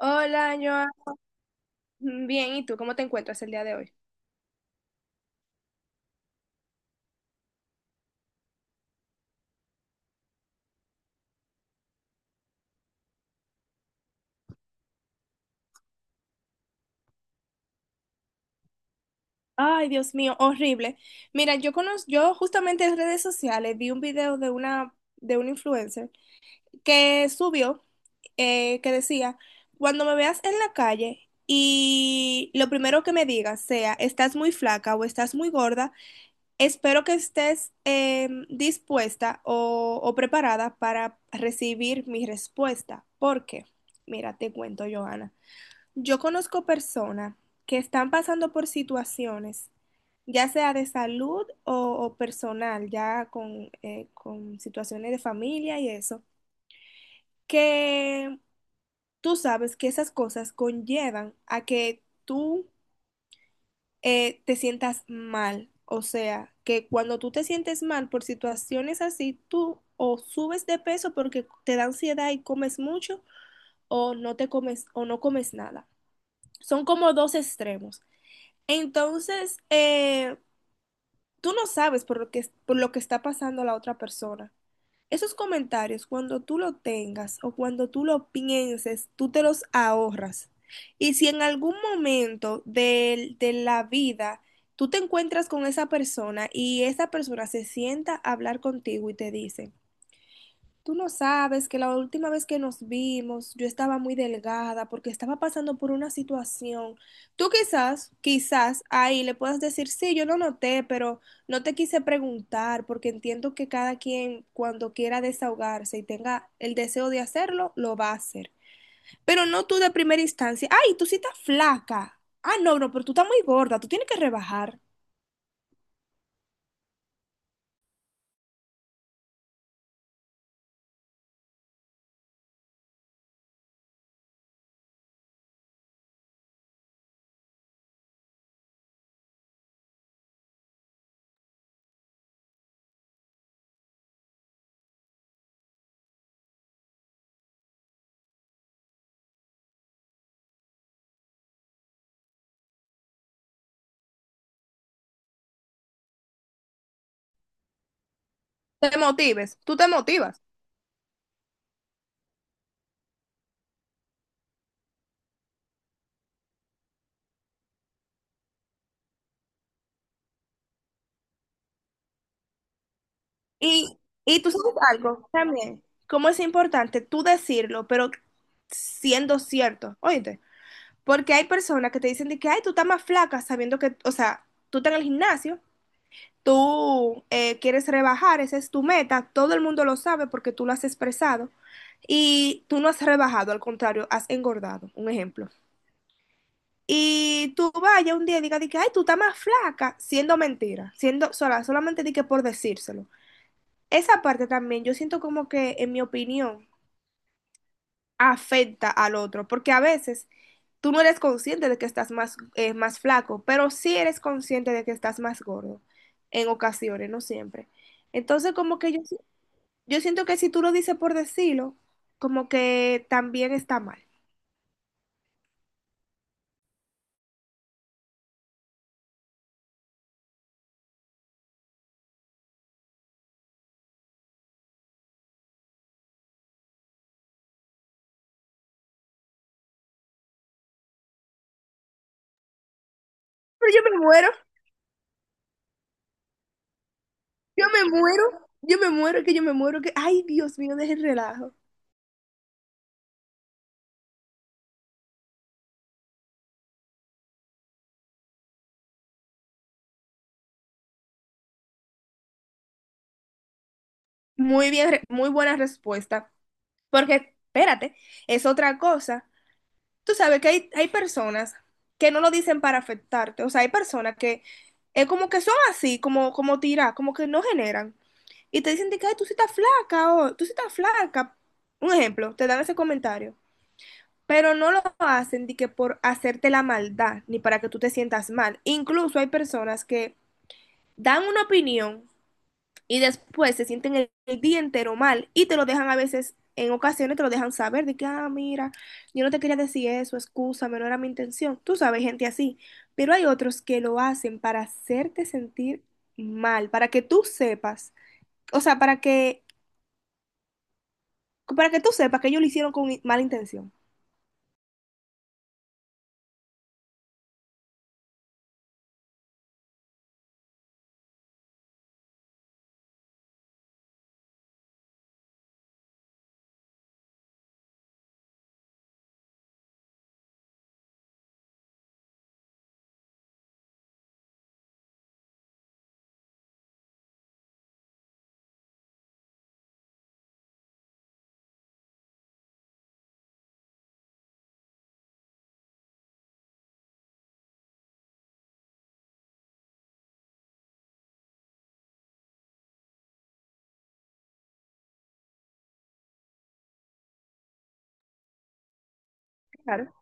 Hola, Joan. Bien, ¿y tú cómo te encuentras el día de hoy? Ay, Dios mío, horrible. Mira, yo justamente en redes sociales vi un video de un influencer que subió, que decía, cuando me veas en la calle y lo primero que me digas sea, estás muy flaca o estás muy gorda, espero que estés dispuesta o preparada para recibir mi respuesta. ¿Por qué? Mira, te cuento, Joana. Yo conozco personas que están pasando por situaciones, ya sea de salud o personal, ya con situaciones de familia y eso, que tú sabes que esas cosas conllevan a que tú te sientas mal. O sea, que cuando tú te sientes mal por situaciones así, tú o subes de peso porque te da ansiedad y comes mucho, o no te comes, o no comes nada. Son como dos extremos. Entonces, tú no sabes por lo que está pasando la otra persona. Esos comentarios, cuando tú lo tengas o cuando tú lo pienses, tú te los ahorras. Y si en algún momento de la vida tú te encuentras con esa persona y esa persona se sienta a hablar contigo y te dice, tú no sabes que la última vez que nos vimos yo estaba muy delgada porque estaba pasando por una situación. Tú quizás ahí le puedas decir, sí, yo lo noté, pero no te quise preguntar porque entiendo que cada quien cuando quiera desahogarse y tenga el deseo de hacerlo, lo va a hacer. Pero no tú de primera instancia, ay, tú sí estás flaca. Ah, no, no, pero tú estás muy gorda, tú tienes que rebajar. Te motives, tú te motivas. Y, y tú sabes algo también, cómo es importante tú decirlo, pero siendo cierto, oíste, porque hay personas que te dicen de que, ay, tú estás más flaca sabiendo que, o sea, tú estás en el gimnasio, tú quieres rebajar, esa es tu meta, todo el mundo lo sabe porque tú lo has expresado y tú no has rebajado, al contrario, has engordado, un ejemplo. Y tú vayas un día y digas de que, ay, tú estás más flaca, siendo mentira, siendo sola, solamente di que por decírselo. Esa parte también, yo siento como que, en mi opinión, afecta al otro, porque a veces tú no eres consciente de que estás más, más flaco, pero sí eres consciente de que estás más gordo, en ocasiones, no siempre. Entonces, como que yo siento que si tú lo dices por decirlo, como que también está mal. Pero yo me muero, yo me muero, yo me muero, que yo me muero, que, ay, Dios mío, deje el relajo. Muy bien, muy buena respuesta, porque, espérate, es otra cosa. Tú sabes que hay personas que no lo dicen para afectarte, o sea, hay personas que es como que son así, como, como tiras, como que no generan. Y te dicen de que "ay, tú sí estás flaca o tú sí estás flaca". Un ejemplo, te dan ese comentario. Pero no lo hacen de que por hacerte la maldad, ni para que tú te sientas mal. Incluso hay personas que dan una opinión y después se sienten el día entero mal y te lo dejan a veces, en ocasiones te lo dejan saber de que, ah, mira, yo no te quería decir eso, excúsame, no era mi intención. Tú sabes, gente así, pero hay otros que lo hacen para hacerte sentir mal, para que tú sepas, o sea, para que tú sepas que ellos lo hicieron con mala intención. Claro.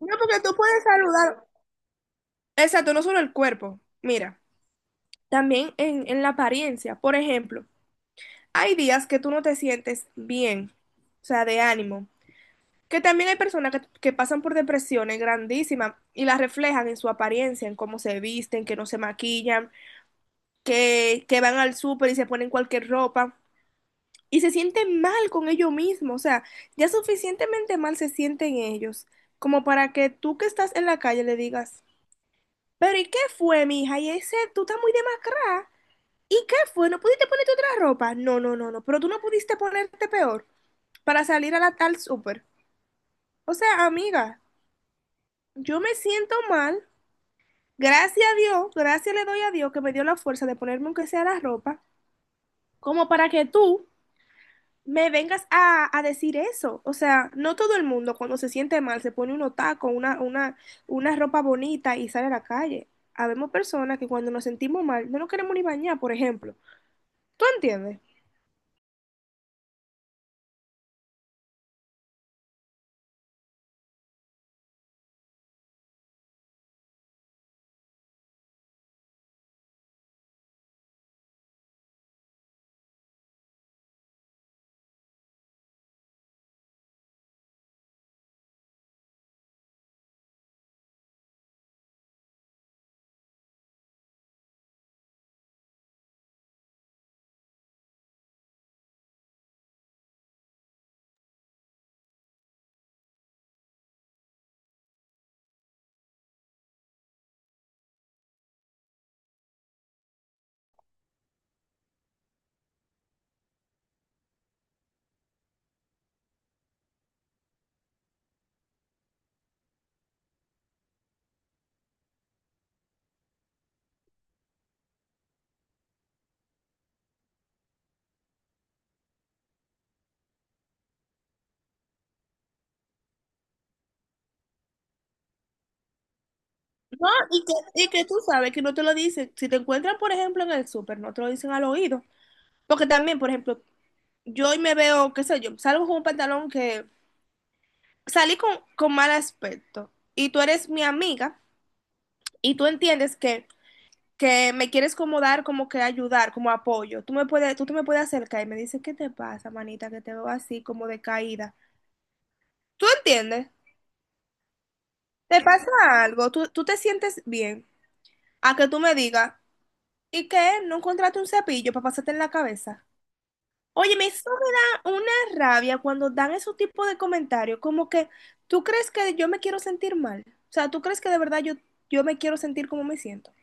No, porque tú puedes saludar. Exacto, no solo el cuerpo. Mira, también en la apariencia. Por ejemplo, hay días que tú no te sientes bien, o sea, de ánimo. Que también hay personas que pasan por depresiones grandísimas y las reflejan en su apariencia, en cómo se visten, que no se maquillan, que van al súper y se ponen cualquier ropa y se sienten mal con ellos mismos. O sea, ya suficientemente mal se sienten ellos como para que tú que estás en la calle le digas, pero ¿y qué fue, mija? Y ese, tú estás muy demacrada. ¿Y qué fue? ¿No pudiste ponerte otra ropa? No, no, no, no, pero tú no pudiste ponerte peor para salir a la tal súper. O sea, amiga, yo me siento mal. Gracias a Dios, gracias le doy a Dios que me dio la fuerza de ponerme aunque sea la ropa, como para que tú me vengas a decir eso. O sea, no todo el mundo cuando se siente mal se pone unos tacos, una ropa bonita y sale a la calle. Habemos personas que cuando nos sentimos mal no nos queremos ni bañar, por ejemplo. ¿Tú entiendes? No, y que tú sabes que no te lo dicen. Si te encuentran, por ejemplo, en el súper, no te lo dicen al oído. Porque también, por ejemplo, yo hoy me veo, qué sé yo, salgo con un pantalón que salí con mal aspecto y tú eres mi amiga y tú entiendes que me quieres como dar, como que ayudar, como apoyo. Tú te me puedes acercar y me dices, ¿qué te pasa, manita? Que te veo así como decaída. ¿Tú entiendes? ¿Te pasa algo? ¿Tú te sientes bien? A que tú me digas, ¿y qué? ¿No encontraste un cepillo para pasarte en la cabeza? Oye, me eso me da una rabia cuando dan esos tipos de comentarios, como que tú crees que yo me quiero sentir mal. O sea, tú crees que de verdad yo me quiero sentir como me siento.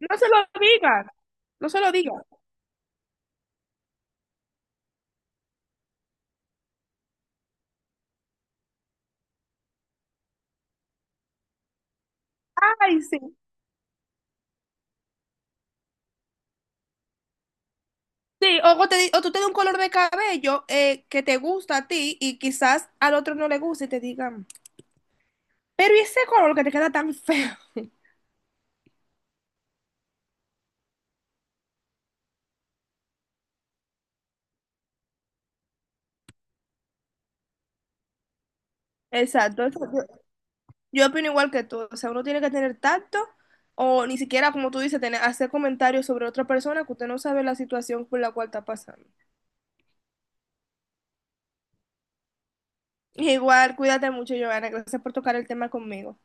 No se lo digas, no se lo digas. Ay, sí. Sí, o tú te das un color de cabello que te gusta a ti y quizás al otro no le guste y te digan, pero ¿y ese color que te queda tan feo? Exacto, eso, yo opino igual que tú, o sea, uno tiene que tener tacto o ni siquiera, como tú dices, tener, hacer comentarios sobre otra persona que usted no sabe la situación por la cual está pasando. Igual, cuídate mucho, Giovanna, gracias por tocar el tema conmigo.